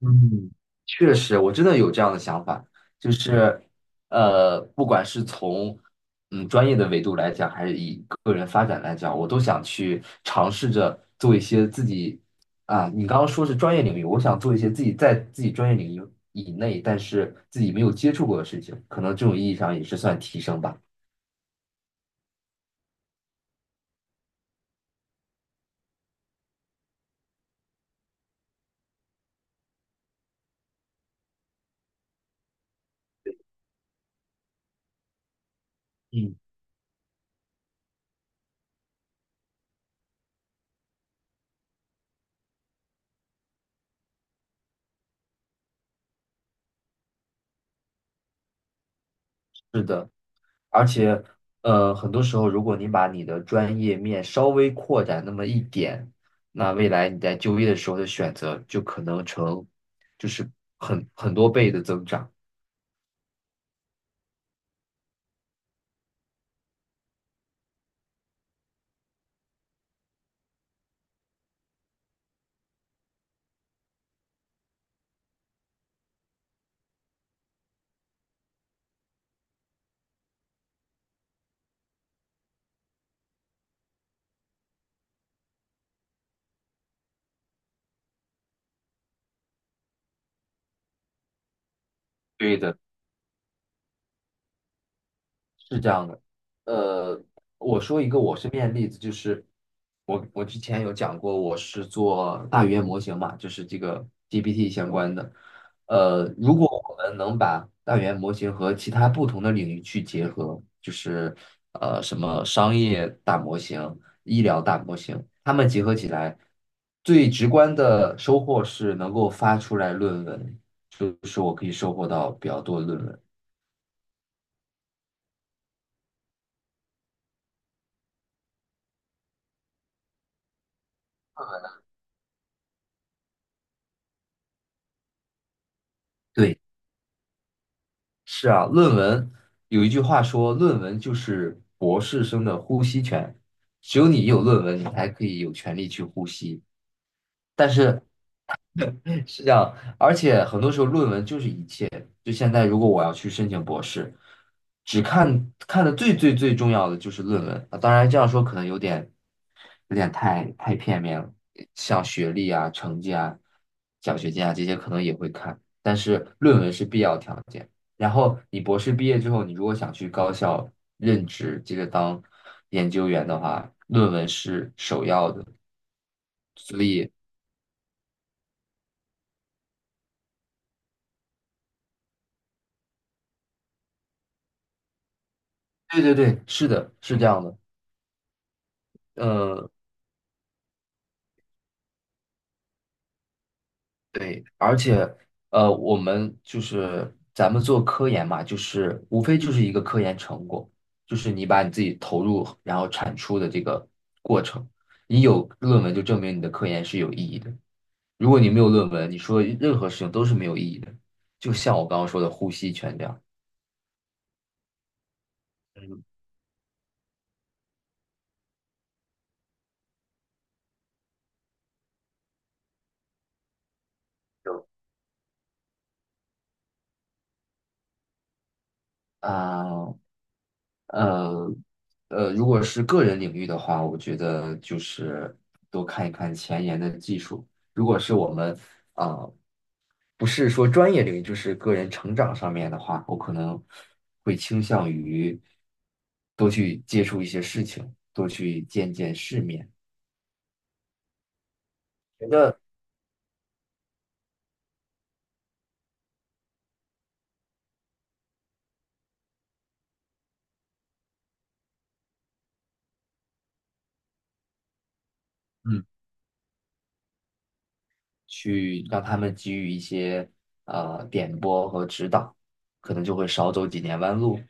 嗯，确实，我真的有这样的想法，就是，不管是从专业的维度来讲，还是以个人发展来讲，我都想去尝试着做一些自己啊，你刚刚说是专业领域，我想做一些自己在自己专业领域以内，但是自己没有接触过的事情，可能这种意义上也是算提升吧。嗯。而且，很多时候，如果你把你的专业面稍微扩展那么一点，那未来你在就业的时候的选择就可能成，就是很多倍的增长。对的。是这样的，呃，我说一个我身边的例子，就是我之前有讲过，我是做大语言模型嘛，就是这个 GPT 相关的。如果我们能把大语言模型和其他不同的领域去结合，什么商业大模型、医疗大模型，它们结合起来，最直观的收获是能够发出来论文，就是我可以收获到比较多的论文。对。是啊，论文有一句话说，论文就是博士生的呼吸权，只有你有论文，你才可以有权利去呼吸。但是是这样，而且很多时候论文就是一切。就现在，如果我要去申请博士，只看的最重要的就是论文啊。当然这样说可能有点太片面了，像学历啊、成绩啊、奖学金啊这些可能也会看，但是论文是必要条件。然后你博士毕业之后，你如果想去高校任职，接着当研究员的话，论文是首要的。所以，对对对，是的，是这样的。嗯、对，而且我们就是咱们做科研嘛，就是无非就是一个科研成果，就是你把你自己投入然后产出的这个过程，你有论文就证明你的科研是有意义的。如果你没有论文，你说任何事情都是没有意义的。就像我刚刚说的呼吸全这样，嗯，有啊、呃如果是个人领域的话，我觉得就是多看一看前沿的技术。如果是我们啊。不是说专业领域，就是个人成长上面的话，我可能会倾向于多去接触一些事情，多去见见世面，嗯去让他们给予一些点拨和指导，可能就会少走几年弯路。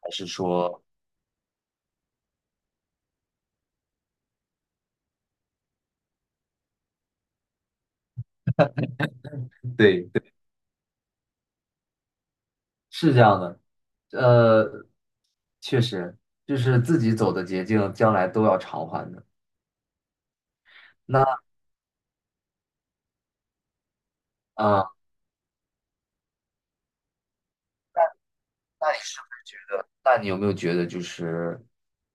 还是说，对对，是这样的，呃，确实就是自己走的捷径，将来都要偿还的。那啊，是？那你有没有觉得，就是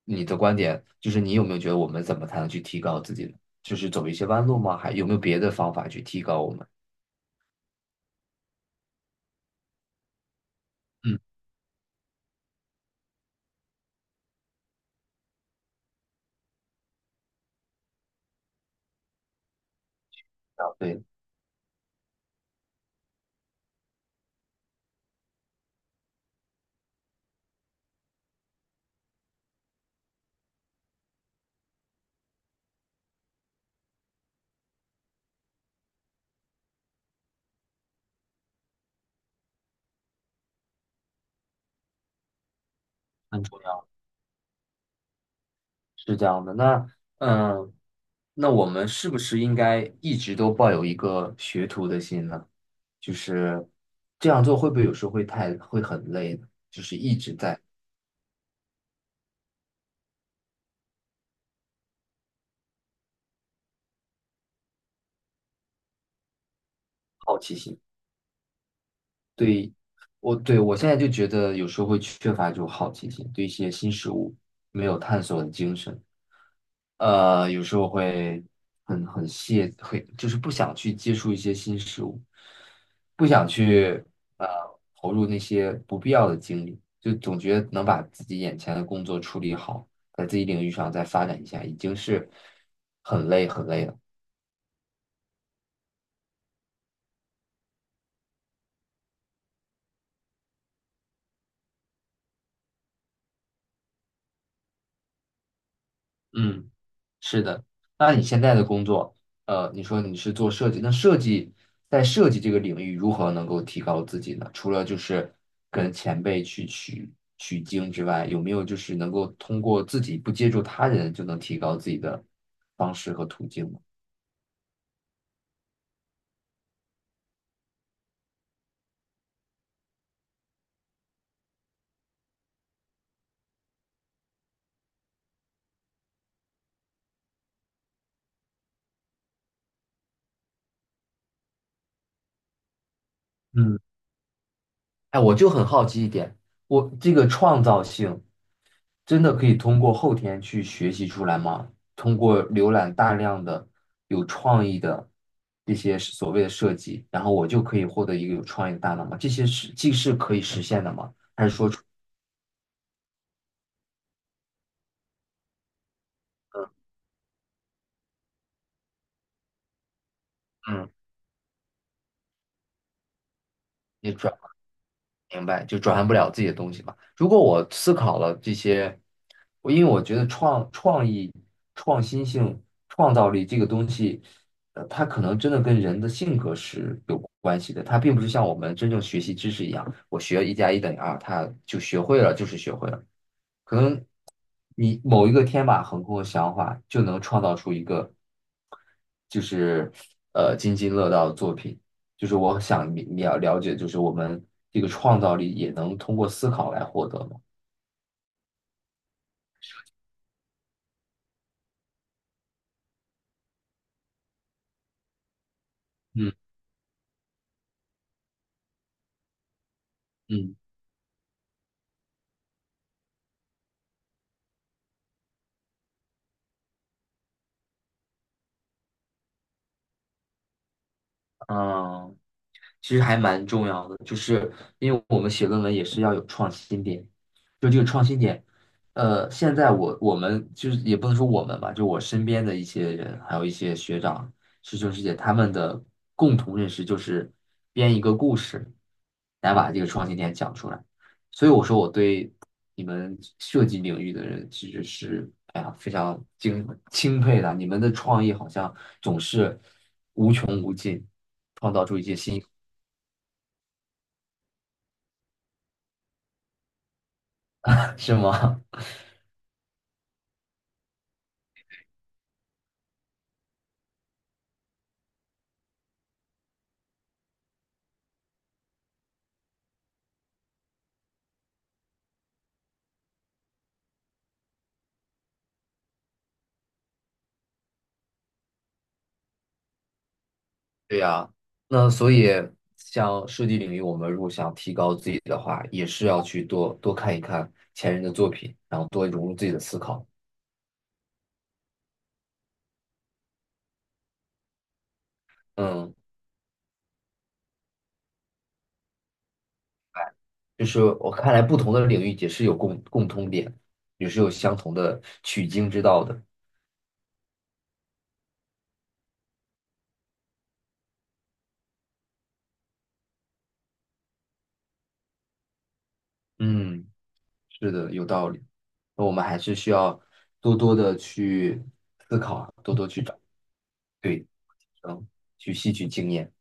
你的观点，就是你有没有觉得我们怎么才能去提高自己呢？就是走一些弯路吗？还有没有别的方法去提高我们？嗯，啊，对，很重要，是这样的。那，嗯，那我们是不是应该一直都抱有一个学徒的心呢？就是这样做会不会有时候会太会很累呢？就是一直在好奇心。对，我现在就觉得有时候会缺乏这种好奇心，对一些新事物没有探索的精神。有时候会很懈，会就是不想去接触一些新事物，不想去呃投入那些不必要的精力，就总觉得能把自己眼前的工作处理好，在自己领域上再发展一下，已经是很累了。嗯。是的，那你现在的工作，你说你是做设计，那在设计这个领域如何能够提高自己呢？除了就是跟前辈去取经之外，有没有就是能够通过自己不接触他人就能提高自己的方式和途径呢？嗯。哎，我就很好奇一点，我这个创造性。真的可以通过后天去学习出来吗？通过浏览大量的有创意的这些所谓的设计，然后我就可以获得一个有创意的大脑吗？这些是既是可以实现的吗？嗯。你转。明白，就转换不了自己的东西嘛。如果我思考了这些，因为我觉得创意、创新性、创造力这个东西，它可能真的跟人的性格是有关系的。它并不是像我们真正学习知识一样，我学一加一等于二，它就学会了就是学会了可能你某一个天马行空的想法，就能创造出一个，就是津津乐道的作品。就是我想了解，就是我们这个创造力也能通过思考来获得嘛。嗯嗯。嗯，其实还蛮重要的，就是因为我们写论文也是要有创新点，就这个创新点，现在我们就是也不能说我们吧，就我身边的一些人，还有一些学长、师兄师姐，他们的共同认识就是编一个故事来把这个创新点讲出来，所以我说我对你们设计领域的人其实是哎呀非常钦佩的，你们的创意好像总是无穷无尽，创造出一些新。是吗？对呀，那所以像设计领域，我们如果想提高自己的话，也是要去多多看一看前人的作品，然后多融入自己的思考。嗯，就是我看来，不同的领域也是有共通点，也是有相同的取经之道的。嗯，是的，有道理。那我们还是需要多多的去，对，嗯，去吸取经验。